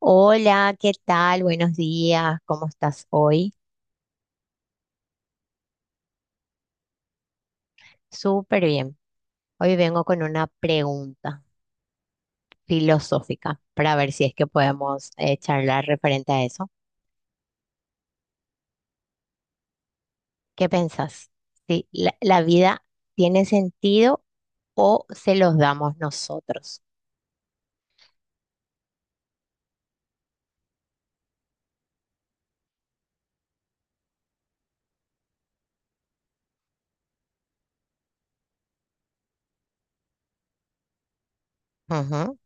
Hola, ¿qué tal? Buenos días, ¿cómo estás hoy? Súper bien. Hoy vengo con una pregunta filosófica para ver si es que podemos charlar referente a eso. ¿Qué pensás? Si ¿la vida tiene sentido o se los damos nosotros? Ujú.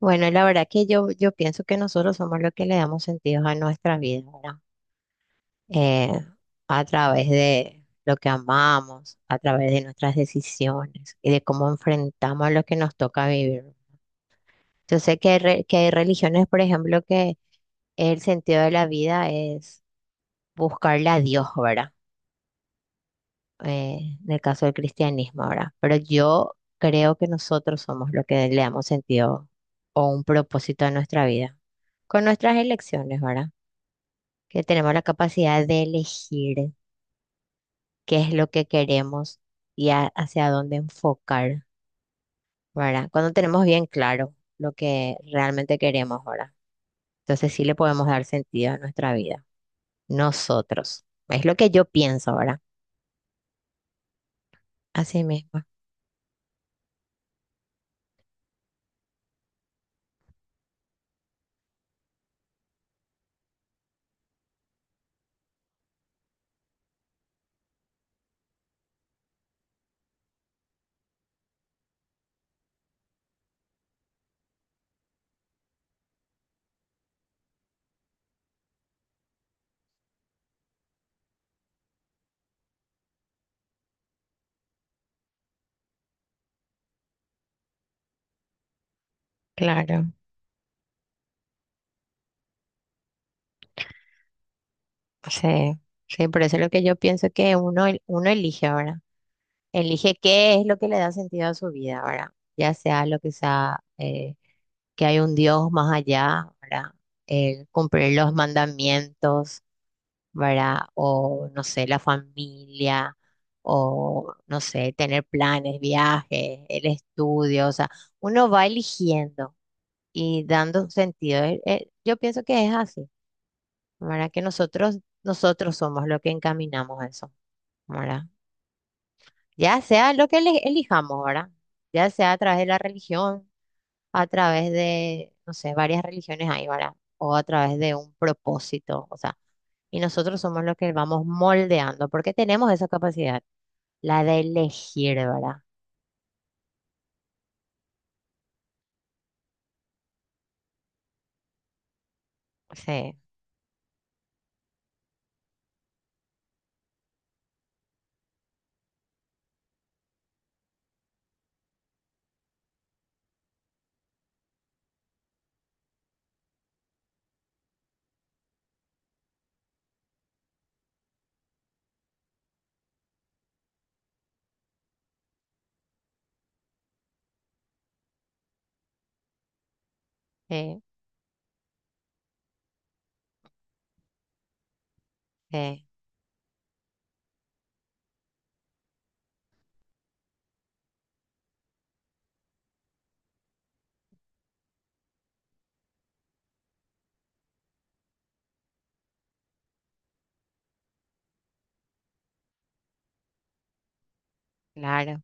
Bueno, la verdad que yo pienso que nosotros somos los que le damos sentido a nuestra vida, ¿verdad? eh, a través de lo que amamos, a través de nuestras decisiones y de cómo enfrentamos lo que nos toca vivir. Yo sé que hay, que hay religiones, por ejemplo, que el sentido de la vida es buscarle a Dios, ¿verdad? En el caso del cristianismo, ¿verdad? Pero yo creo que nosotros somos lo que le damos sentido o un propósito a nuestra vida, con nuestras elecciones, ¿verdad? Que tenemos la capacidad de elegir qué es lo que queremos y hacia dónde enfocar, ¿verdad? Cuando tenemos bien claro lo que realmente queremos, ¿verdad? Entonces sí le podemos dar sentido a nuestra vida, nosotros. Es lo que yo pienso, ¿verdad? Así mismo, claro. Sí, sí, por eso es lo que yo pienso que uno, uno elige, ahora elige qué es lo que le da sentido a su vida, ¿verdad? Ya sea lo que sea, que hay un Dios más allá, ¿verdad? El cumplir los mandamientos, ¿verdad? O, no sé, la familia, o, no sé, tener planes, viajes, el estudio, o sea, uno va eligiendo y dando un sentido. Yo pienso que es así, ¿verdad? Que nosotros somos lo que encaminamos a eso, ¿verdad? Ya sea lo que elijamos, ¿verdad? Ya sea a través de la religión, a través de, no sé, varias religiones hay, ¿verdad? O a través de un propósito, o sea, y nosotros somos los que vamos moldeando, porque tenemos esa capacidad, la de elegir, ¿verdad? Sí, sí, sí, claro,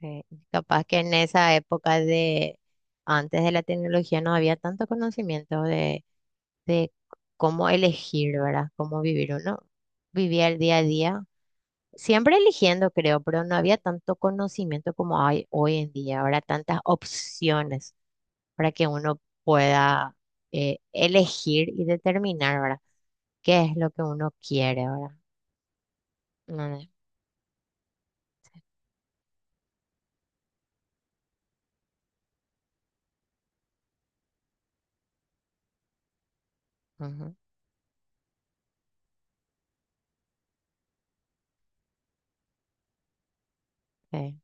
sí. Capaz que en esa época de antes de la tecnología no había tanto conocimiento de cómo elegir, ¿verdad? Cómo vivir uno. Vivía el día a día, siempre eligiendo, creo, pero no había tanto conocimiento como hay hoy en día. Ahora tantas opciones para que uno pueda elegir y determinar, ¿verdad? ¿Qué es lo que uno quiere, ¿verdad? Mm, ujú, sí.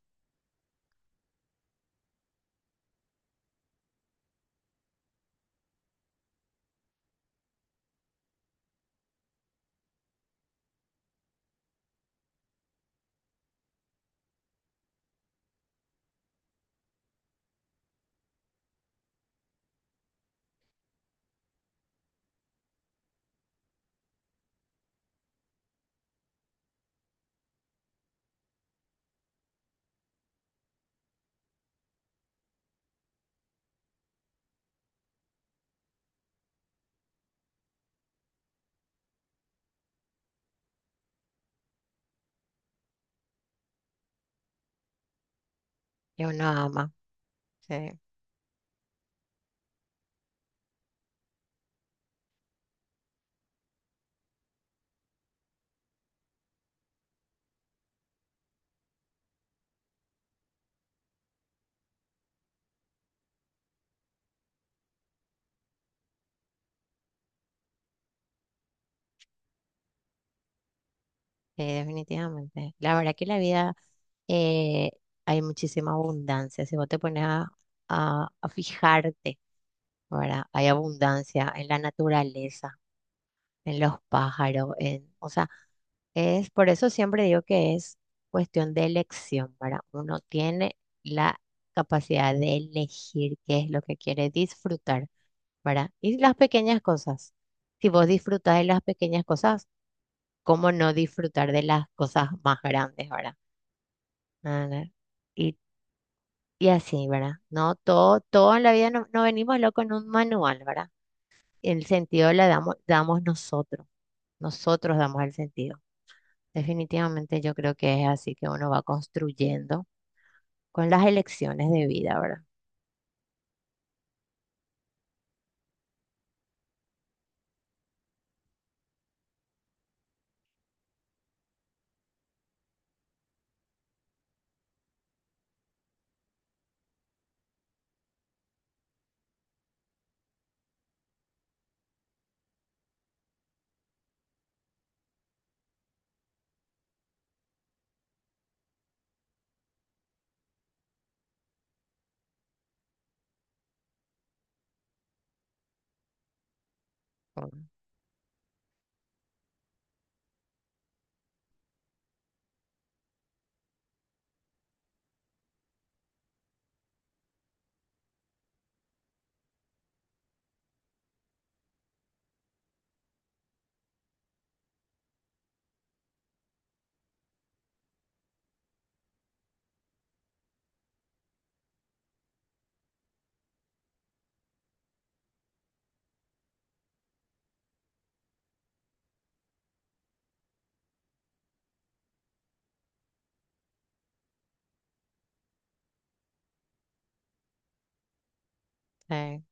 Que uno ama, sí, sí, definitivamente. La verdad que la vida, eh, hay muchísima abundancia. Si vos te pones a, a fijarte, ¿verdad? Hay abundancia en la naturaleza, en los pájaros, en, o sea, es, por eso siempre digo que es cuestión de elección, ¿verdad? Uno tiene la capacidad de elegir qué es lo que quiere disfrutar, ¿verdad? Y las pequeñas cosas. Si vos disfrutás de las pequeñas cosas, ¿cómo no disfrutar de las cosas más grandes, ¿verdad? Ah, ¿no? Y, y así, ¿verdad? No todo, todo en la vida no, no venimos locos en un manual, ¿verdad? El sentido le damos, damos nosotros. Nosotros damos el sentido. Definitivamente yo creo que es así, que uno va construyendo con las elecciones de vida, ¿verdad? Mm, sí,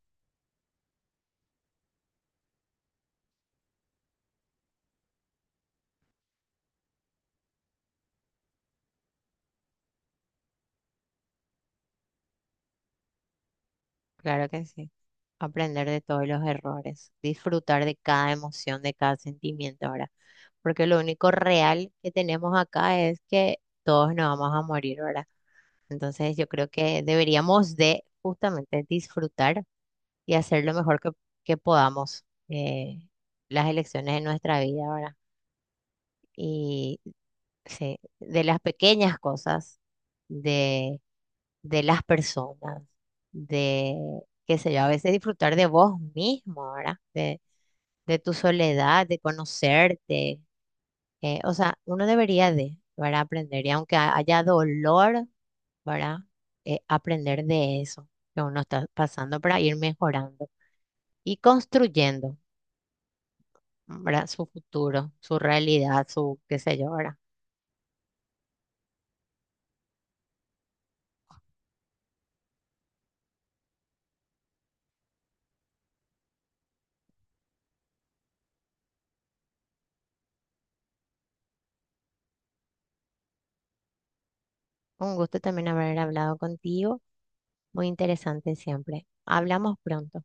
claro que sí. Aprender de todos los errores, disfrutar de cada emoción, de cada sentimiento, ahora. Porque lo único real que tenemos acá es que todos nos vamos a morir, ¿verdad? Entonces yo creo que deberíamos de justamente disfrutar y hacer lo mejor que podamos eh, las elecciones de nuestra vida, ¿verdad? Y sí, de las pequeñas cosas, de, de las personas, de, qué sé yo, a veces disfrutar de vos mismo, ¿verdad? De tu soledad, de conocerte. O sea, uno debería de, ¿verdad? Aprender, y aunque haya dolor, ¿verdad? Aprender de eso que uno está pasando para ir mejorando y construyendo, ¿verdad? Su futuro, su realidad, su, qué sé yo, ¿verdad? Un gusto también haber hablado contigo. Muy interesante siempre. Hablamos pronto.